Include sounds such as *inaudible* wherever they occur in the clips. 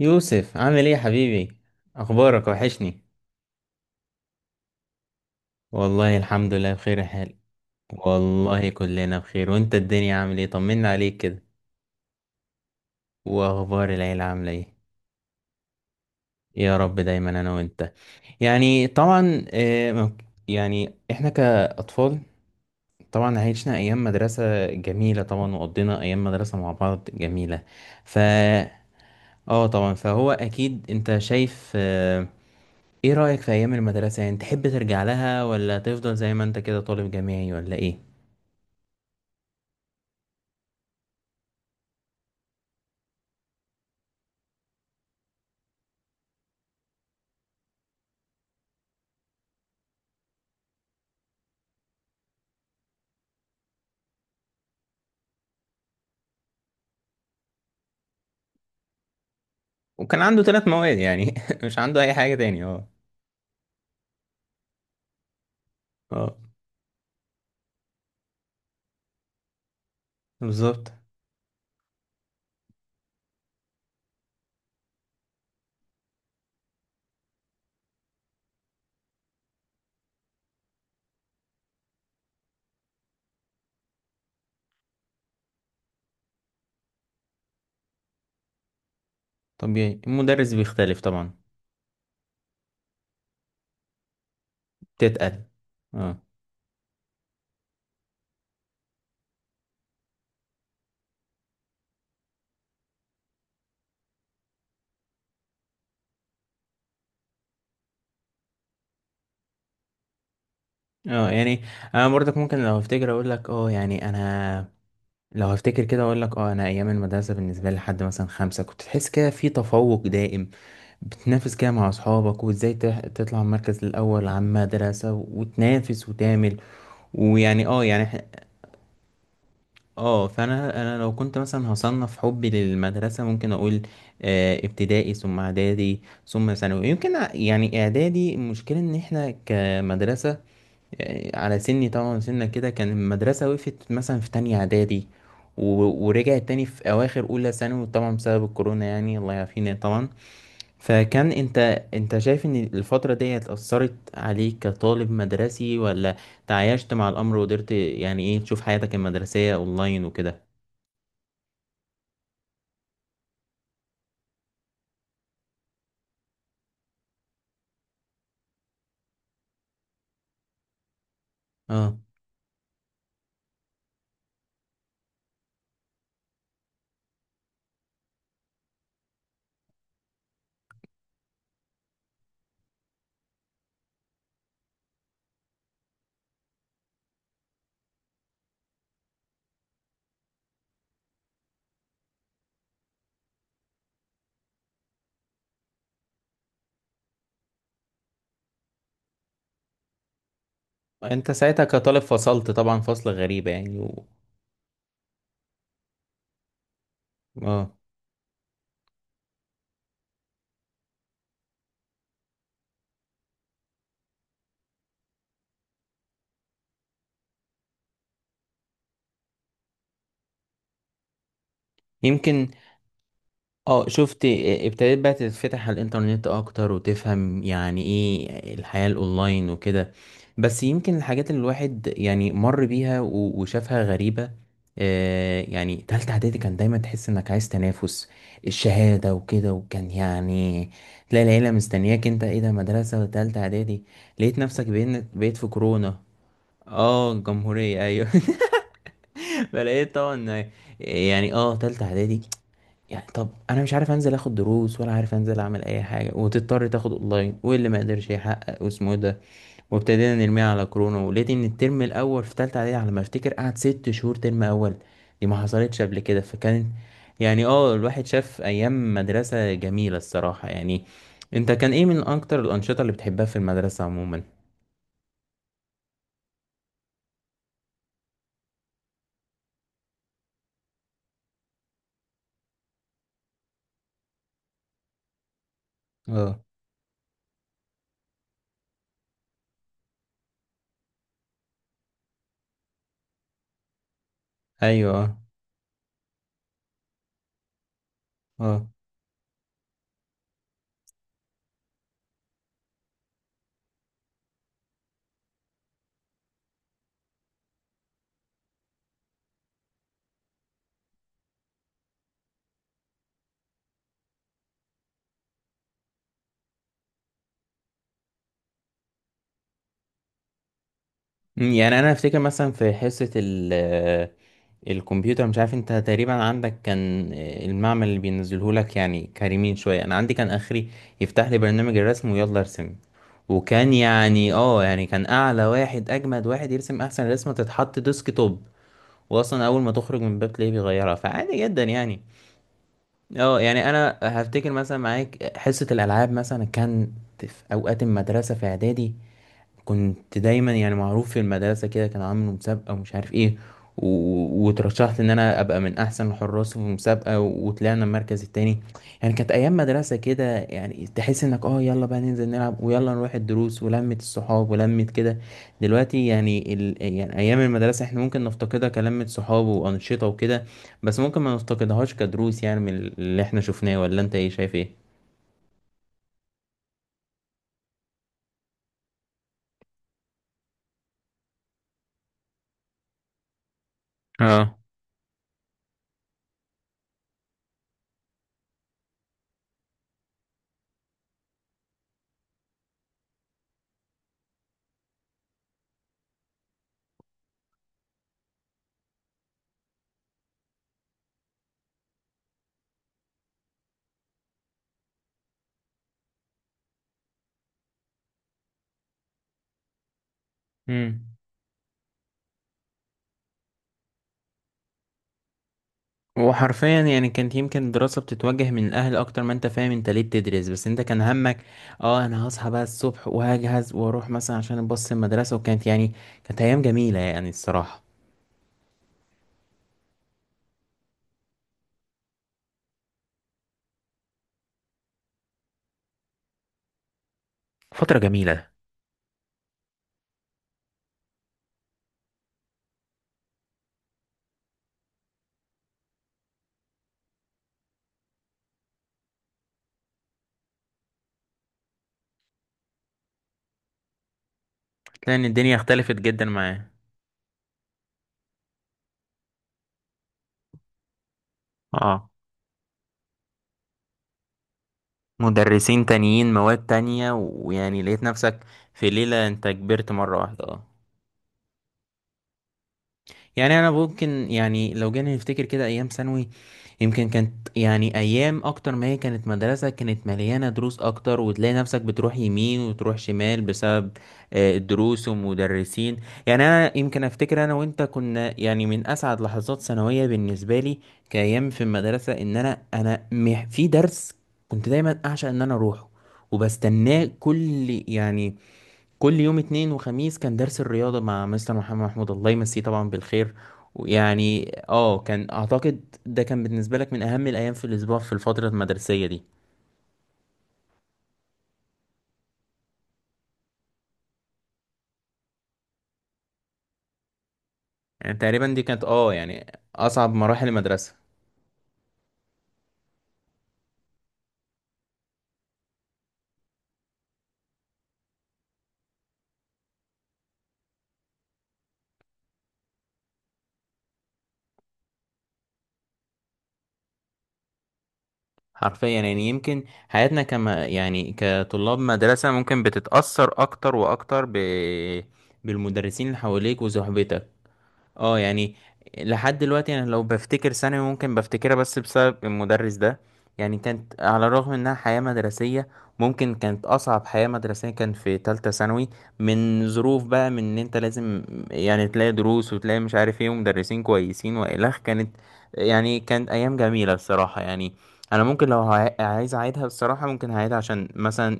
يوسف، عامل ايه يا حبيبي؟ اخبارك وحشني. والله الحمد لله بخير حال. والله كلنا بخير. وانت الدنيا عامل ايه؟ طمنا عليك كده. واخبار العيلة عاملة ايه؟ يا رب دايما انا وانت. يعني طبعا، يعني احنا كاطفال، طبعا عشنا ايام مدرسة جميلة، طبعا وقضينا ايام مدرسة مع بعض جميلة. ف اه طبعا، فهو اكيد انت شايف ايه رأيك في ايام المدرسة؟ يعني تحب ترجع لها ولا تفضل زي ما انت كده طالب جامعي ولا ايه؟ وكان عنده 3 مواد يعني، *laughs* مش عنده اي حاجة تاني. اه اه، بالظبط. طبيعي، المدرس بيختلف طبعا. تتقل. اه. اه، يعني انا برضك ممكن لو افتكر اقول لك، اه يعني انا لو هفتكر كده اقول لك، اه انا ايام المدرسه بالنسبه لي لحد مثلا 5، كنت تحس كده في تفوق دائم، بتنافس كده مع اصحابك وازاي تطلع المركز الاول على المدرسه وتنافس وتعمل. ويعني اه يعني اه، فانا لو كنت مثلا هصنف حبي للمدرسه ممكن اقول ابتدائي ثم اعدادي ثم ثانوي. يمكن يعني اعدادي، المشكله ان احنا كمدرسه، على سني طبعا سنة كده، كان المدرسه وقفت مثلا في تانية اعدادي، ورجعت تاني في اواخر اولى ثانوي طبعا، بسبب الكورونا، يعني الله يعافينا طبعا. فكان انت شايف ان الفتره دي اثرت عليك كطالب مدرسي، ولا تعايشت مع الامر وقدرت؟ يعني ايه، تشوف حياتك المدرسيه اونلاين وكده؟ اه. انت ساعتها كطالب فصلت طبعا فصل غريبة يعني. اه، يمكن. اه، شفت. اه، ابتديت بقى تتفتح على الانترنت اكتر، وتفهم يعني ايه الحياة الاونلاين وكده. بس يمكن الحاجات اللي الواحد يعني مر بيها و... وشافها غريبة. يعني تالتة اعدادي، كان دايما تحس انك عايز تنافس الشهادة وكده، وكان يعني تلاقي العيلة مستنياك، انت ايه ده؟ مدرسة تالتة اعدادي. لقيت نفسك بقيت في كورونا. اه، الجمهورية، ايوه. *laughs* فلقيت طبعا. يعني اه تالتة اعدادي. يعني طب انا مش عارف انزل اخد دروس، ولا عارف انزل اعمل اي حاجه، وتضطر تاخد اونلاين، واللي ما قدرش يحقق واسمه ايه ده، وابتدينا نرميها على كورونا. ولقيت ان الترم الاول في تالتة اعدادي، على ما افتكر قعد 6 شهور ترم اول. دي ما حصلتش قبل كده. فكان يعني اه، الواحد شاف ايام مدرسه جميله الصراحه يعني. انت كان ايه من اكتر الانشطه اللي بتحبها في المدرسه عموما؟ اه. ايوه. اه. يعني انا افتكر مثلا في حصه ال آه، الكمبيوتر. مش عارف، انت تقريبا عندك كان المعمل اللي بينزله لك يعني كريمين شويه، انا عندي كان اخري، يفتح لي برنامج الرسم ويلا ارسم. وكان يعني كان اعلى واحد، اجمد واحد يرسم احسن رسمه تتحط ديسك توب، واصلا اول ما تخرج من الباب تلاقيه بيغيرها، فعادي جدا يعني. اه، يعني انا هفتكر مثلا معاك حصه الالعاب مثلا، كان في اوقات المدرسه في اعدادي كنت دايما يعني معروف في المدرسة كده، كان عامل مسابقة ومش عارف ايه، و... وترشحت ان انا ابقى من احسن الحراس في المسابقة، و... وطلعنا المركز التاني. يعني كانت ايام مدرسة كده، يعني تحس انك اه يلا بقى ننزل نلعب، ويلا نروح الدروس، ولمة الصحاب ولمة كده. دلوقتي يعني يعني ايام المدرسة احنا ممكن نفتقدها كلمة صحاب وانشطة وكده، بس ممكن ما نفتقدهاش كدروس، يعني من اللي احنا شفناه. ولا انت ايه شايف ايه؟ اه. مم. وحرفيا يعني كانت يمكن الدراسة بتتوجه من الأهل، أكتر ما أنت فاهم أنت ليه بتدرس، بس أنت كان همك، أه أنا هصحى بقى الصبح وهجهز وأروح مثلا عشان أبص المدرسة. وكانت يعني كانت أيام جميلة يعني الصراحة. فترة جميلة. لأن الدنيا اختلفت جدا معاه، اه، مدرسين تانيين مواد تانية، ويعني لقيت نفسك في ليلة أنت كبرت مرة واحدة. أه. يعني انا ممكن، يعني لو جينا نفتكر كده ايام ثانوي، يمكن كانت يعني ايام اكتر ما هي كانت مدرسة، كانت مليانة دروس اكتر، وتلاقي نفسك بتروح يمين وتروح شمال بسبب الدروس ومدرسين. يعني انا يمكن افتكر انا وانت كنا يعني من اسعد لحظات ثانوية بالنسبة لي، كايام في المدرسة، ان انا في درس كنت دايما اعشق ان انا اروحه، وبستناه كل يعني كل يوم اتنين وخميس. كان درس الرياضة مع مستر محمد محمود، الله يمسيه طبعا بالخير. ويعني اه، كان اعتقد ده كان بالنسبة لك من اهم الايام في الاسبوع في الفترة المدرسية دي، يعني تقريبا دي كانت اه يعني اصعب مراحل المدرسة. حرفيا يعني يمكن حياتنا كما يعني كطلاب مدرسة ممكن بتتأثر اكتر واكتر بالمدرسين اللي حواليك وصحبتك. اه، يعني لحد دلوقتي انا لو بفتكر ثانوي ممكن بفتكرها بس بسبب المدرس ده. يعني كانت على الرغم انها حياة مدرسية، ممكن كانت اصعب حياة مدرسية كان في تالتة ثانوي، من ظروف بقى، من ان انت لازم يعني تلاقي دروس وتلاقي مش عارف ايه ومدرسين كويسين والخ. كانت يعني كانت ايام جميلة الصراحة يعني. انا ممكن لو عايز اعيدها الصراحة، ممكن هعيدها عشان مثلا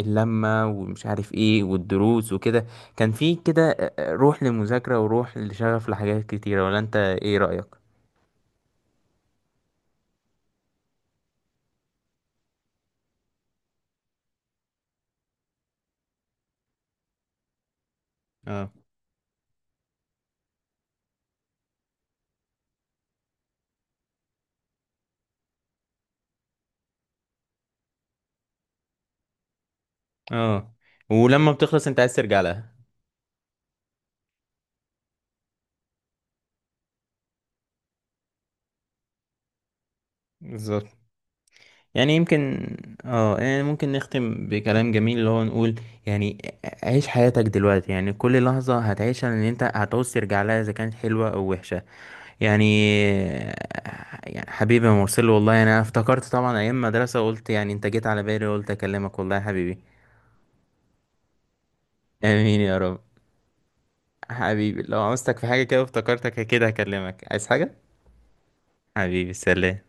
اللمة ومش عارف ايه والدروس وكده. كان في كده روح للمذاكرة وروح لشغف لحاجات كتيرة. ولا انت ايه رأيك؟ اه. اه، ولما بتخلص انت عايز ترجع لها. بالظبط. يعني يمكن. اه، يعني ممكن نختم بكلام جميل اللي هو نقول يعني: عيش حياتك دلوقتي، يعني كل لحظة هتعيشها ان انت هتعوز ترجع لها، اذا كانت حلوة او وحشة. يعني. يعني حبيبي يا مرسل، والله يعني انا افتكرت طبعا ايام مدرسة، قلت يعني انت جيت على بالي وقلت اكلمك، والله يا حبيبي. امين يا رب. حبيبي لو عاوزتك في حاجة كده افتكرتك، كده هكلمك عايز حاجة. حبيبي سلام.